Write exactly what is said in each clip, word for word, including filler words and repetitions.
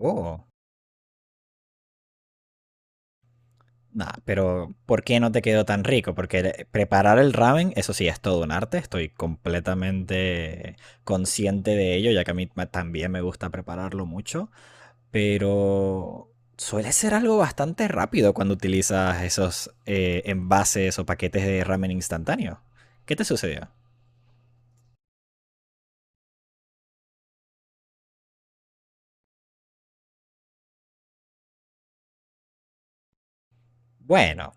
Oh, nada, pero ¿por qué no te quedó tan rico? Porque le- preparar el ramen, eso sí, es todo un arte. Estoy completamente consciente de ello, ya que a mí ma- también me gusta prepararlo mucho. Pero suele ser algo bastante rápido cuando utilizas esos eh, envases o paquetes de ramen instantáneo. ¿Qué te sucedió? Bueno,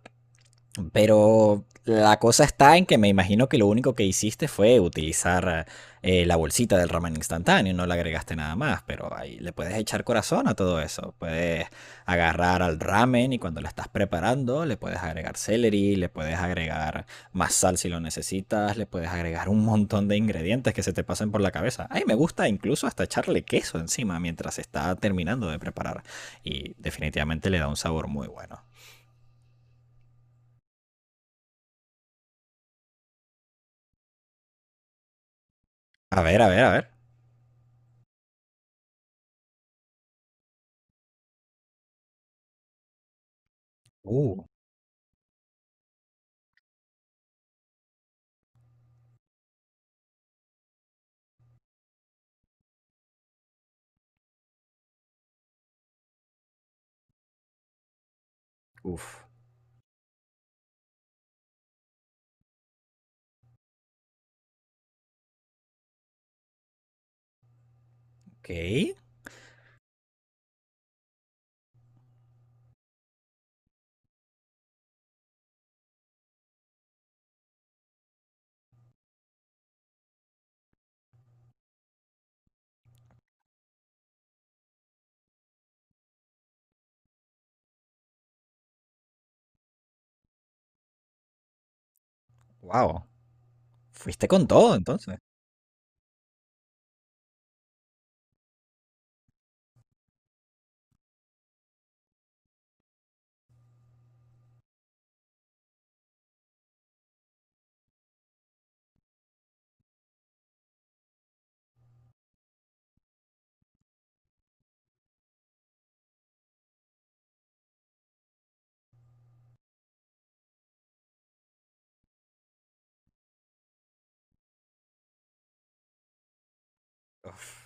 pero la cosa está en que me imagino que lo único que hiciste fue utilizar eh, la bolsita del ramen instantáneo, no le agregaste nada más, pero ahí le puedes echar corazón a todo eso. Puedes agarrar al ramen y cuando lo estás preparando le puedes agregar celery, le puedes agregar más sal si lo necesitas, le puedes agregar un montón de ingredientes que se te pasen por la cabeza. Ay, me gusta incluso hasta echarle queso encima mientras está terminando de preparar y definitivamente le da un sabor muy bueno. A ver, a ver, a ver. Uh, Uf. Ok. Wow. Fuiste con todo entonces. Uf.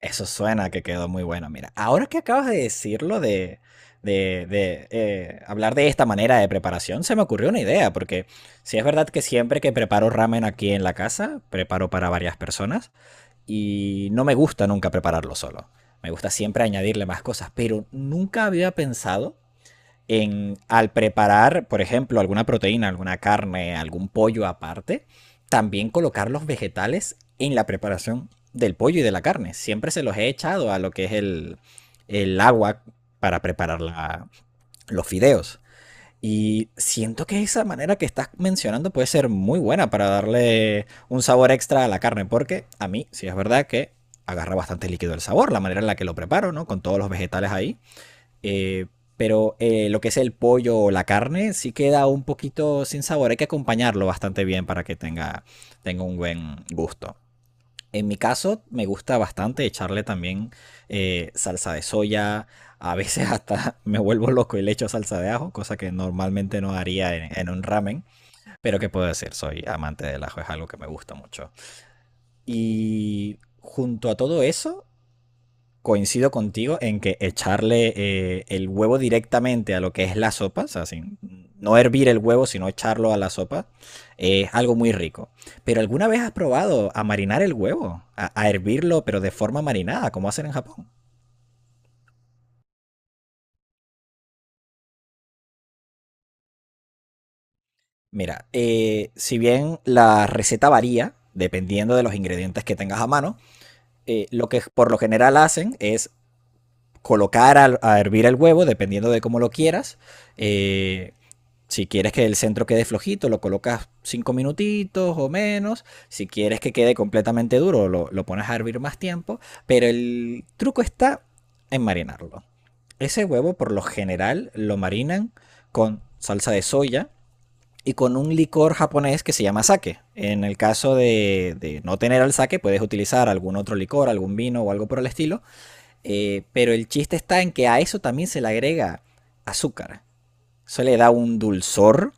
Eso suena que quedó muy bueno. Mira, ahora que acabas de decirlo de, de, de eh, hablar de esta manera de preparación, se me ocurrió una idea, porque si es verdad que siempre que preparo ramen aquí en la casa, preparo para varias personas y no me gusta nunca prepararlo solo. Me gusta siempre añadirle más cosas, pero nunca había pensado en, al preparar, por ejemplo, alguna proteína, alguna carne, algún pollo aparte, también colocar los vegetales en la preparación del pollo y de la carne. Siempre se los he echado a lo que es el, el agua para preparar la, los fideos. Y siento que esa manera que estás mencionando puede ser muy buena para darle un sabor extra a la carne, porque a mí sí es verdad que agarra bastante líquido el sabor, la manera en la que lo preparo, ¿no? Con todos los vegetales ahí. Eh, pero eh, lo que es el pollo o la carne sí queda un poquito sin sabor. Hay que acompañarlo bastante bien para que tenga, tenga un buen gusto. En mi caso, me gusta bastante echarle también eh, salsa de soya. A veces hasta me vuelvo loco y le echo salsa de ajo, cosa que normalmente no haría en, en un ramen. Pero qué puedo decir, soy amante del ajo, es algo que me gusta mucho. Y junto a todo eso, coincido contigo en que echarle eh, el huevo directamente a lo que es la sopa, o sea, sin, no hervir el huevo, sino echarlo a la sopa, eh, es algo muy rico. Pero ¿alguna vez has probado a marinar el huevo? A, a hervirlo, pero de forma marinada, como hacen en Japón. Mira, eh, si bien la receta varía, dependiendo de los ingredientes que tengas a mano, eh, lo que por lo general hacen es colocar a, a hervir el huevo, dependiendo de cómo lo quieras. eh, Si quieres que el centro quede flojito, lo colocas cinco minutitos o menos. Si quieres que quede completamente duro, lo, lo pones a hervir más tiempo. Pero el truco está en marinarlo. Ese huevo por lo general lo marinan con salsa de soya y con un licor japonés que se llama sake. En el caso de, de no tener al sake, puedes utilizar algún otro licor, algún vino o algo por el estilo. Eh, pero el chiste está en que a eso también se le agrega azúcar. Eso le da un dulzor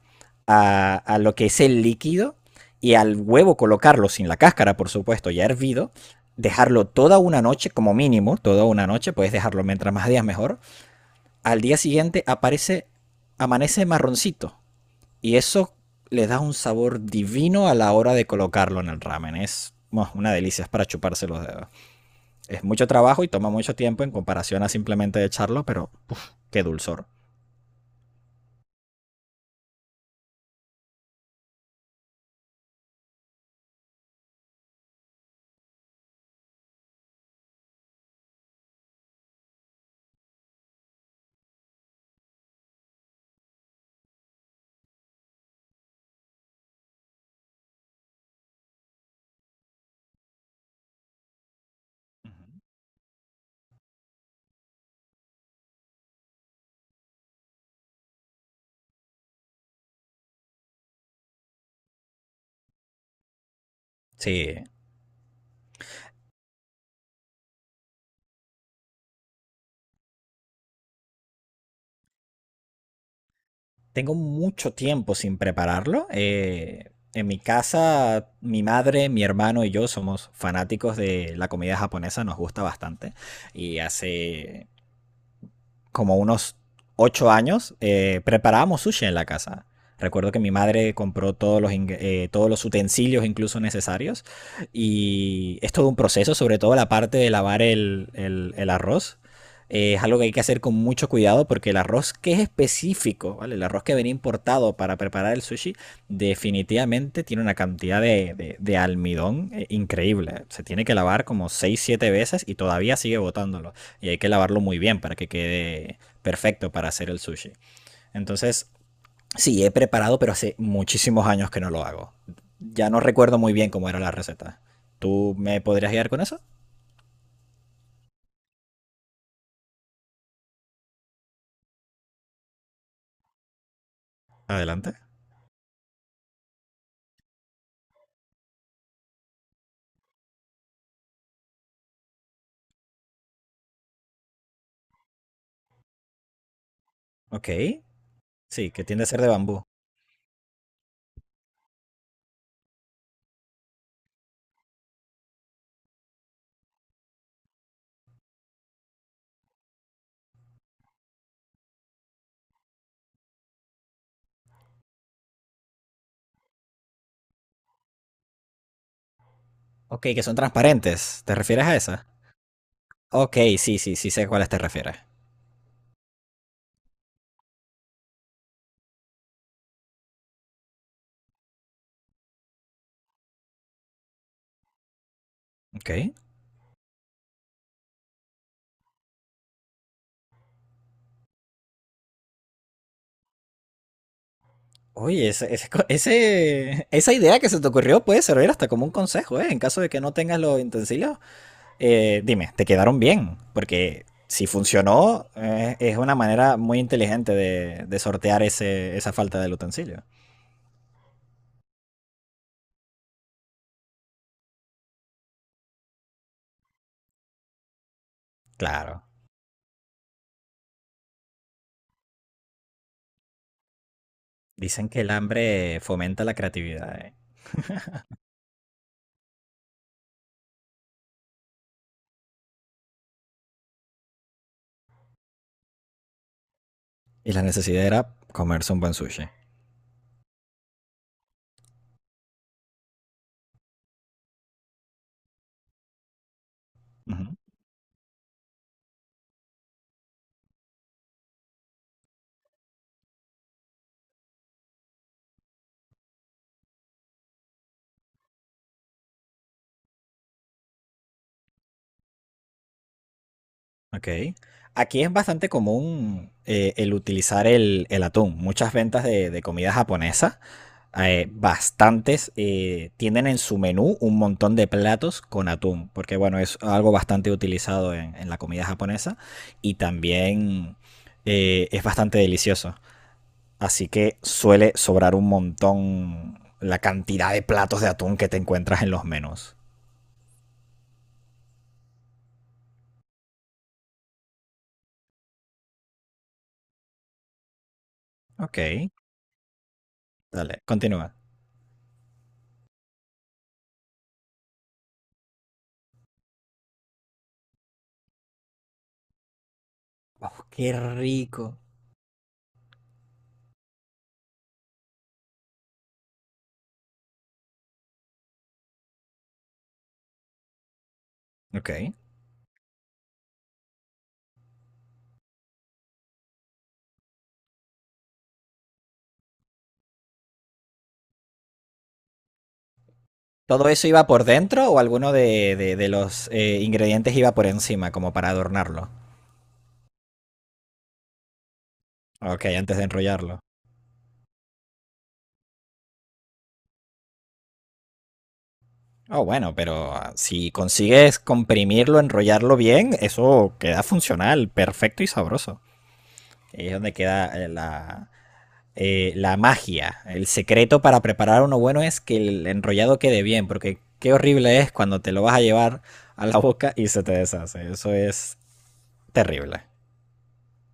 a, a lo que es el líquido y al huevo colocarlo sin la cáscara, por supuesto, ya hervido, dejarlo toda una noche como mínimo, toda una noche, puedes dejarlo mientras más días mejor. Al día siguiente aparece, amanece marroncito y eso le da un sabor divino a la hora de colocarlo en el ramen. Es bueno, una delicia, es para chuparse los dedos. Es mucho trabajo y toma mucho tiempo en comparación a simplemente echarlo, pero uf, qué dulzor. Sí, tengo mucho tiempo sin prepararlo. Eh, en mi casa, mi madre, mi hermano y yo somos fanáticos de la comida japonesa, nos gusta bastante. Y hace como unos ocho años, eh, preparábamos sushi en la casa. Recuerdo que mi madre compró todos los, ing- eh, todos los utensilios incluso necesarios y es todo un proceso, sobre todo la parte de lavar el, el, el arroz. Eh, es algo que hay que hacer con mucho cuidado porque el arroz que es específico, ¿vale? El arroz que venía importado para preparar el sushi, definitivamente tiene una cantidad de, de, de almidón eh, increíble. Se tiene que lavar como seis siete veces y todavía sigue botándolo y hay que lavarlo muy bien para que quede perfecto para hacer el sushi. Entonces, sí, he preparado, pero hace muchísimos años que no lo hago. Ya no recuerdo muy bien cómo era la receta. ¿Tú me podrías guiar con eso? Adelante. Ok. Sí, que tiende a ser de bambú. Ok, que son transparentes. ¿Te refieres a esa? Ok, sí, sí, sí sé a cuáles te refieres. Ok. Oye, ese, ese co- ese- esa idea que se te ocurrió puede servir hasta como un consejo, ¿eh? En caso de que no tengas los utensilios. Eh, dime, ¿te quedaron bien? Porque si funcionó, eh, es una manera muy inteligente de, de sortear ese, esa falta del utensilio. Claro, dicen que el hambre fomenta la creatividad, ¿eh? Y la necesidad era comerse un buen sushi. Ujú. Ok. Aquí es bastante común eh, el utilizar el, el atún. Muchas ventas de, de comida japonesa, eh, bastantes, eh, tienen en su menú un montón de platos con atún, porque bueno, es algo bastante utilizado en, en la comida japonesa y también eh, es bastante delicioso. Así que suele sobrar un montón la cantidad de platos de atún que te encuentras en los menús. Ok, dale, continúa. Oh, qué rico. Ok. ¿Todo eso iba por dentro o alguno de, de- de los eh, ingredientes iba por encima, como para adornarlo? Ok, antes de enrollarlo. Oh, bueno, pero ah, si consigues comprimirlo, enrollarlo bien, eso queda funcional, perfecto y sabroso. Ahí es donde queda eh, la, eh, la magia. El secreto para preparar uno bueno es que el enrollado quede bien, porque qué horrible es cuando te lo vas a llevar a la boca y se te deshace. Eso es terrible.